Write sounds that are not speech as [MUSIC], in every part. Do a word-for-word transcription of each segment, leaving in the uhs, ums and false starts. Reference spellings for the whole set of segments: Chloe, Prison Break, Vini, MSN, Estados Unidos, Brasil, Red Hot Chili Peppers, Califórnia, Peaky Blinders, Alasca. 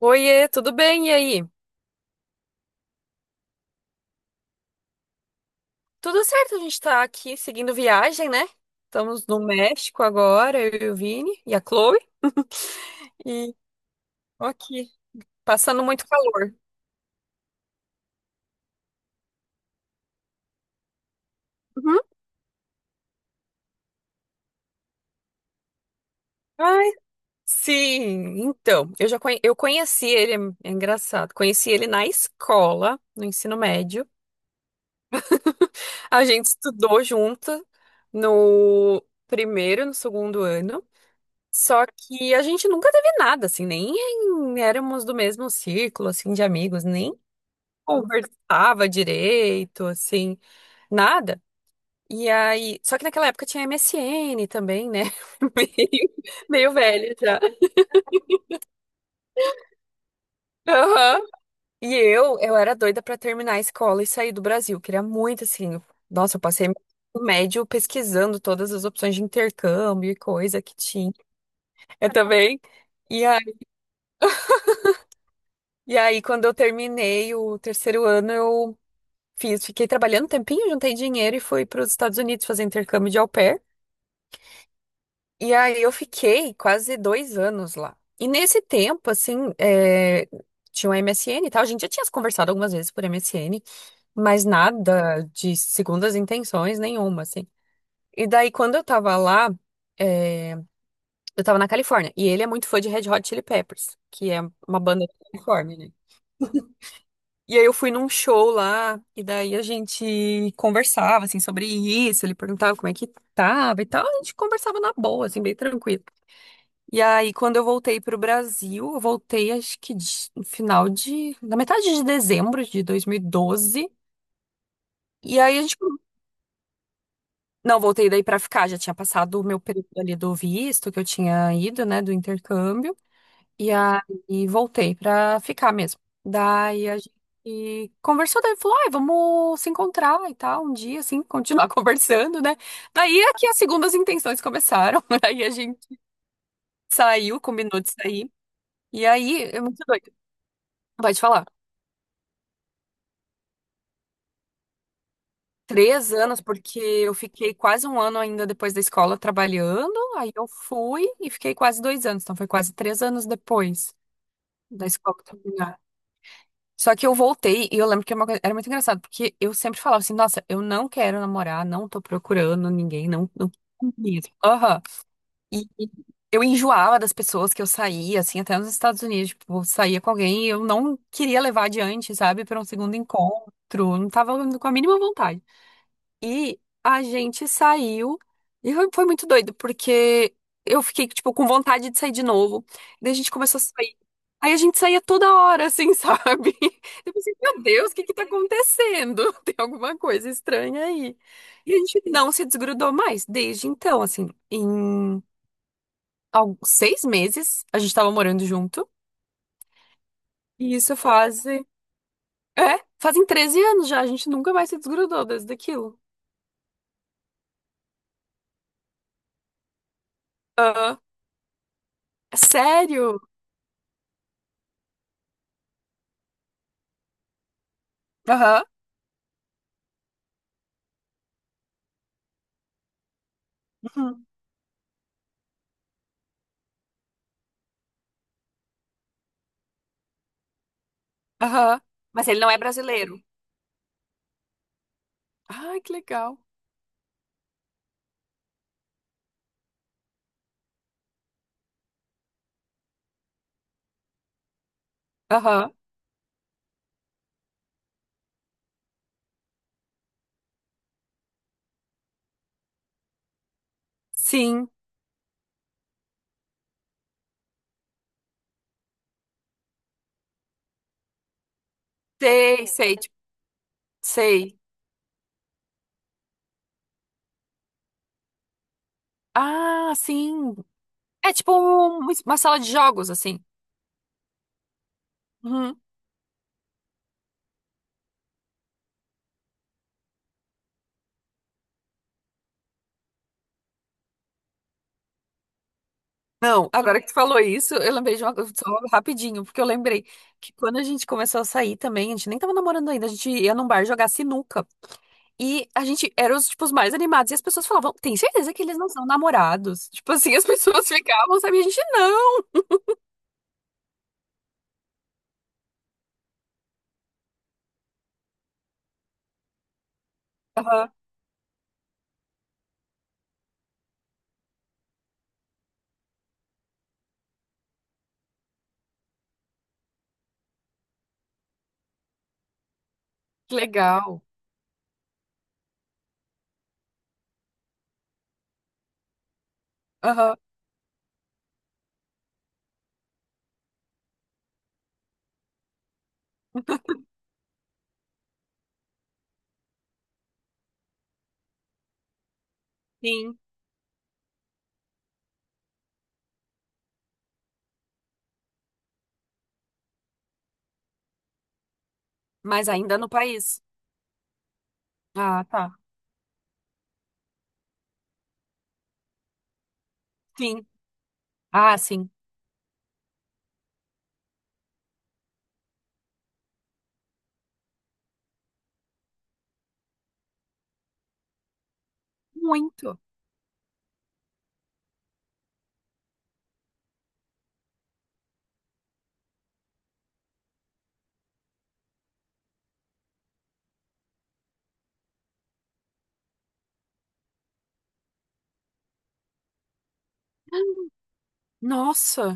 Oiê, tudo bem? E aí? Tudo certo, a gente tá aqui seguindo viagem, né? Estamos no México agora, eu e o Vini e a Chloe. [LAUGHS] E aqui, passando muito calor. Uhum. Ai, sim, então, eu já conhe- eu conheci ele, é é engraçado, conheci ele na escola, no ensino médio. A gente estudou junto no primeiro e no segundo ano. Só que a gente nunca teve nada, assim, nem éramos do mesmo círculo, assim, de amigos, nem conversava direito, assim, nada. E aí, só que naquela época tinha M S N também, né? [LAUGHS] Meio, meio velha já. Aham. E eu, eu era doida pra terminar a escola e sair do Brasil. Queria muito, assim, nossa, eu passei o médio pesquisando todas as opções de intercâmbio e coisa que tinha. Eu também. E aí, e aí, quando eu terminei o terceiro ano, eu Fiz, fiquei trabalhando um tempinho, juntei dinheiro e fui para os Estados Unidos fazer intercâmbio de au pair. E aí eu fiquei quase dois anos lá. E nesse tempo, assim, é, tinha um M S N e tal. A gente já tinha se conversado algumas vezes por M S N, mas nada de segundas intenções nenhuma, assim. E daí, quando eu tava lá, é, eu tava na Califórnia. E ele é muito fã de Red Hot Chili Peppers, que é uma banda da Califórnia, né? E aí eu fui num show lá, e daí a gente conversava, assim, sobre isso, ele perguntava como é que tava e tal, a gente conversava na boa, assim, bem tranquilo. E aí, quando eu voltei pro Brasil, eu voltei, acho que de- no final de na metade de dezembro de dois mil e doze, e doze, e aí a gente Não, voltei daí pra ficar, já tinha passado o meu período ali do visto, que eu tinha ido, né, do intercâmbio. E aí voltei pra ficar mesmo. Daí a gente conversou, daí falou, ai, vamos se encontrar e tal, um dia, assim, continuar [LAUGHS] conversando, né? Daí é que as segundas intenções começaram. [LAUGHS] Aí a gente saiu, combinou de sair. E aí, é muito doido. Vai te falar. Três anos, porque eu fiquei quase um ano ainda depois da escola trabalhando. Aí eu fui e fiquei quase dois anos. Então foi quase três anos depois da escola terminar. Só que eu voltei e eu lembro que é uma coisa- era muito engraçado, porque eu sempre falava assim, nossa, eu não quero namorar, não tô procurando ninguém, não, não quero mesmo. Aham. E eu enjoava das pessoas que eu saía, assim, até nos Estados Unidos, tipo, eu saía com alguém e eu não queria levar adiante, sabe, para um segundo encontro, não tava com a mínima vontade. E a gente saiu e foi foi muito doido, porque eu fiquei, tipo, com vontade de sair de novo. Daí a gente começou a sair. Aí a gente saía toda hora, assim, [LAUGHS] sabe? Eu pensei, meu Deus, o que que tá acontecendo? [LAUGHS] Tem alguma coisa estranha aí. E a gente não se desgrudou mais desde então, assim, em al- seis meses a gente tava morando junto. E isso faz. É, fazem treze anos já, a gente nunca mais se desgrudou desde aquilo. Aham. É Sério? Aham. Aham. Mas ele não é brasileiro. Ai, que legal. Aham. Sim. Sei, sei, tipo, sei. Ah, sim. É tipo um- uma sala de jogos, assim. Uhum. Não, agora que tu falou isso, eu lembrei de uma coisa só rapidinho, porque eu lembrei que quando a gente começou a sair também, a gente nem tava namorando ainda, a gente ia num bar jogar sinuca. E a gente era os, tipo, os mais animados. E as pessoas falavam, tem certeza que eles não são namorados? Tipo assim, as [LAUGHS] pessoas ficavam, sabe? E a gente não. Aham. Que legal. Aham. Sim. Mas ainda no país. Ah, tá. Sim. Ah, sim. Muito. Nossa,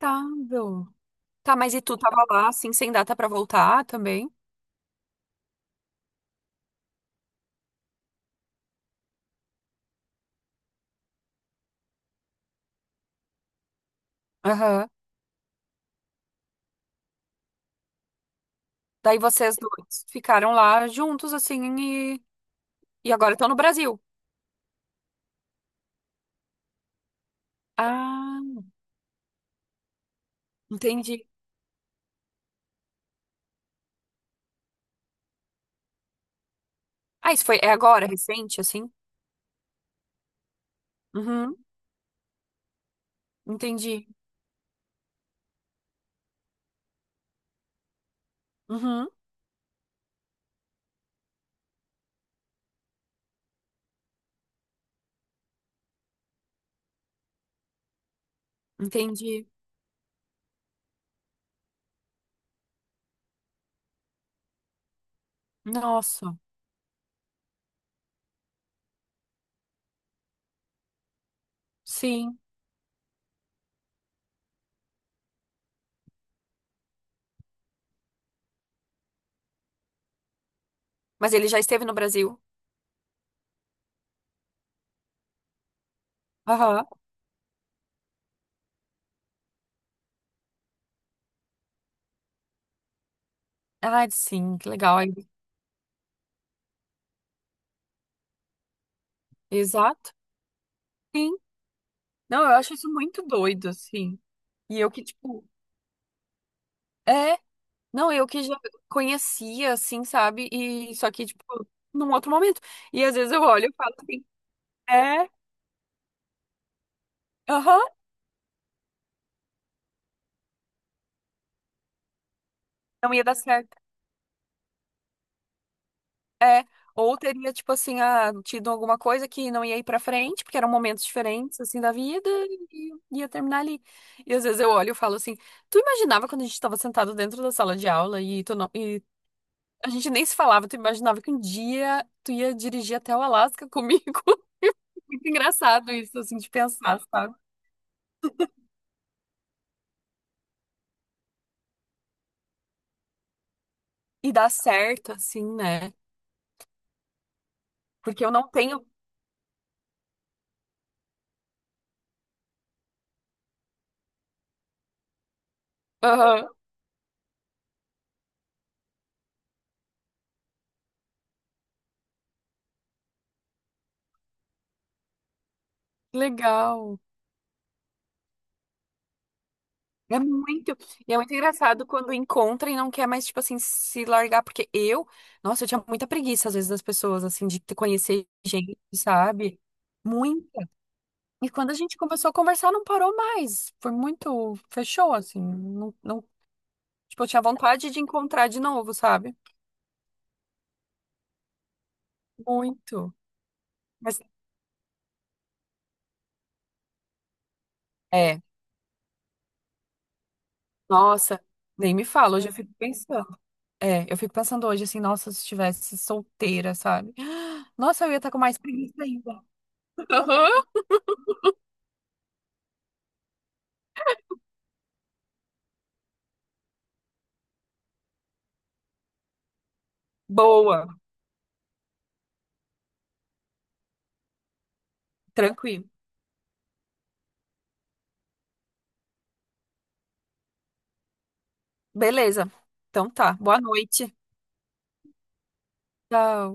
lamentável. Tá, mas e tu tava lá, assim, sem data pra voltar também? Aham. Daí vocês dois ficaram lá juntos, assim, e, e agora estão no Brasil. Ah, entendi. Ah, isso foi, é agora, recente, assim? Uhum, entendi. Uhum, entendi. Nossa, sim. Mas ele já esteve no Brasil? Aham. Ah, sim, que legal. Aí. Exato. Sim. Não, eu acho isso muito doido, assim. E eu que, tipo, é, não, eu que já conhecia, assim, sabe? E só que, tipo, num outro momento. E às vezes eu olho e falo assim, é, aham, não ia dar certo. É. Ou teria, tipo assim, ah, tido alguma coisa que não ia ir pra frente, porque eram momentos diferentes, assim, da vida, e ia terminar ali. E às vezes eu olho e falo assim, tu imaginava quando a gente tava sentado dentro da sala de aula e tu não, e a gente nem se falava, tu imaginava que um dia tu ia dirigir até o Alasca [LAUGHS] comigo? Muito engraçado isso, assim, de pensar, sabe? E dá certo, assim, né? Porque eu não tenho. Aham, legal. É muito. E é muito engraçado quando encontra e não quer mais, tipo assim, se largar. Porque eu, nossa, eu tinha muita preguiça, às vezes, das pessoas, assim, de conhecer gente, sabe? Muita. E quando a gente começou a conversar, não parou mais. Foi muito. Fechou, assim. Não, não Tipo, eu tinha vontade de encontrar de novo, sabe? Muito. Mas, é. Nossa. Nem me fala, hoje eu fico pensando. É, eu fico pensando hoje assim, nossa, se estivesse solteira, sabe? [GASPS] Nossa, eu ia estar com mais preguiça ainda. [LAUGHS] Boa, tranquilo. Beleza. Então tá, boa noite. Tchau.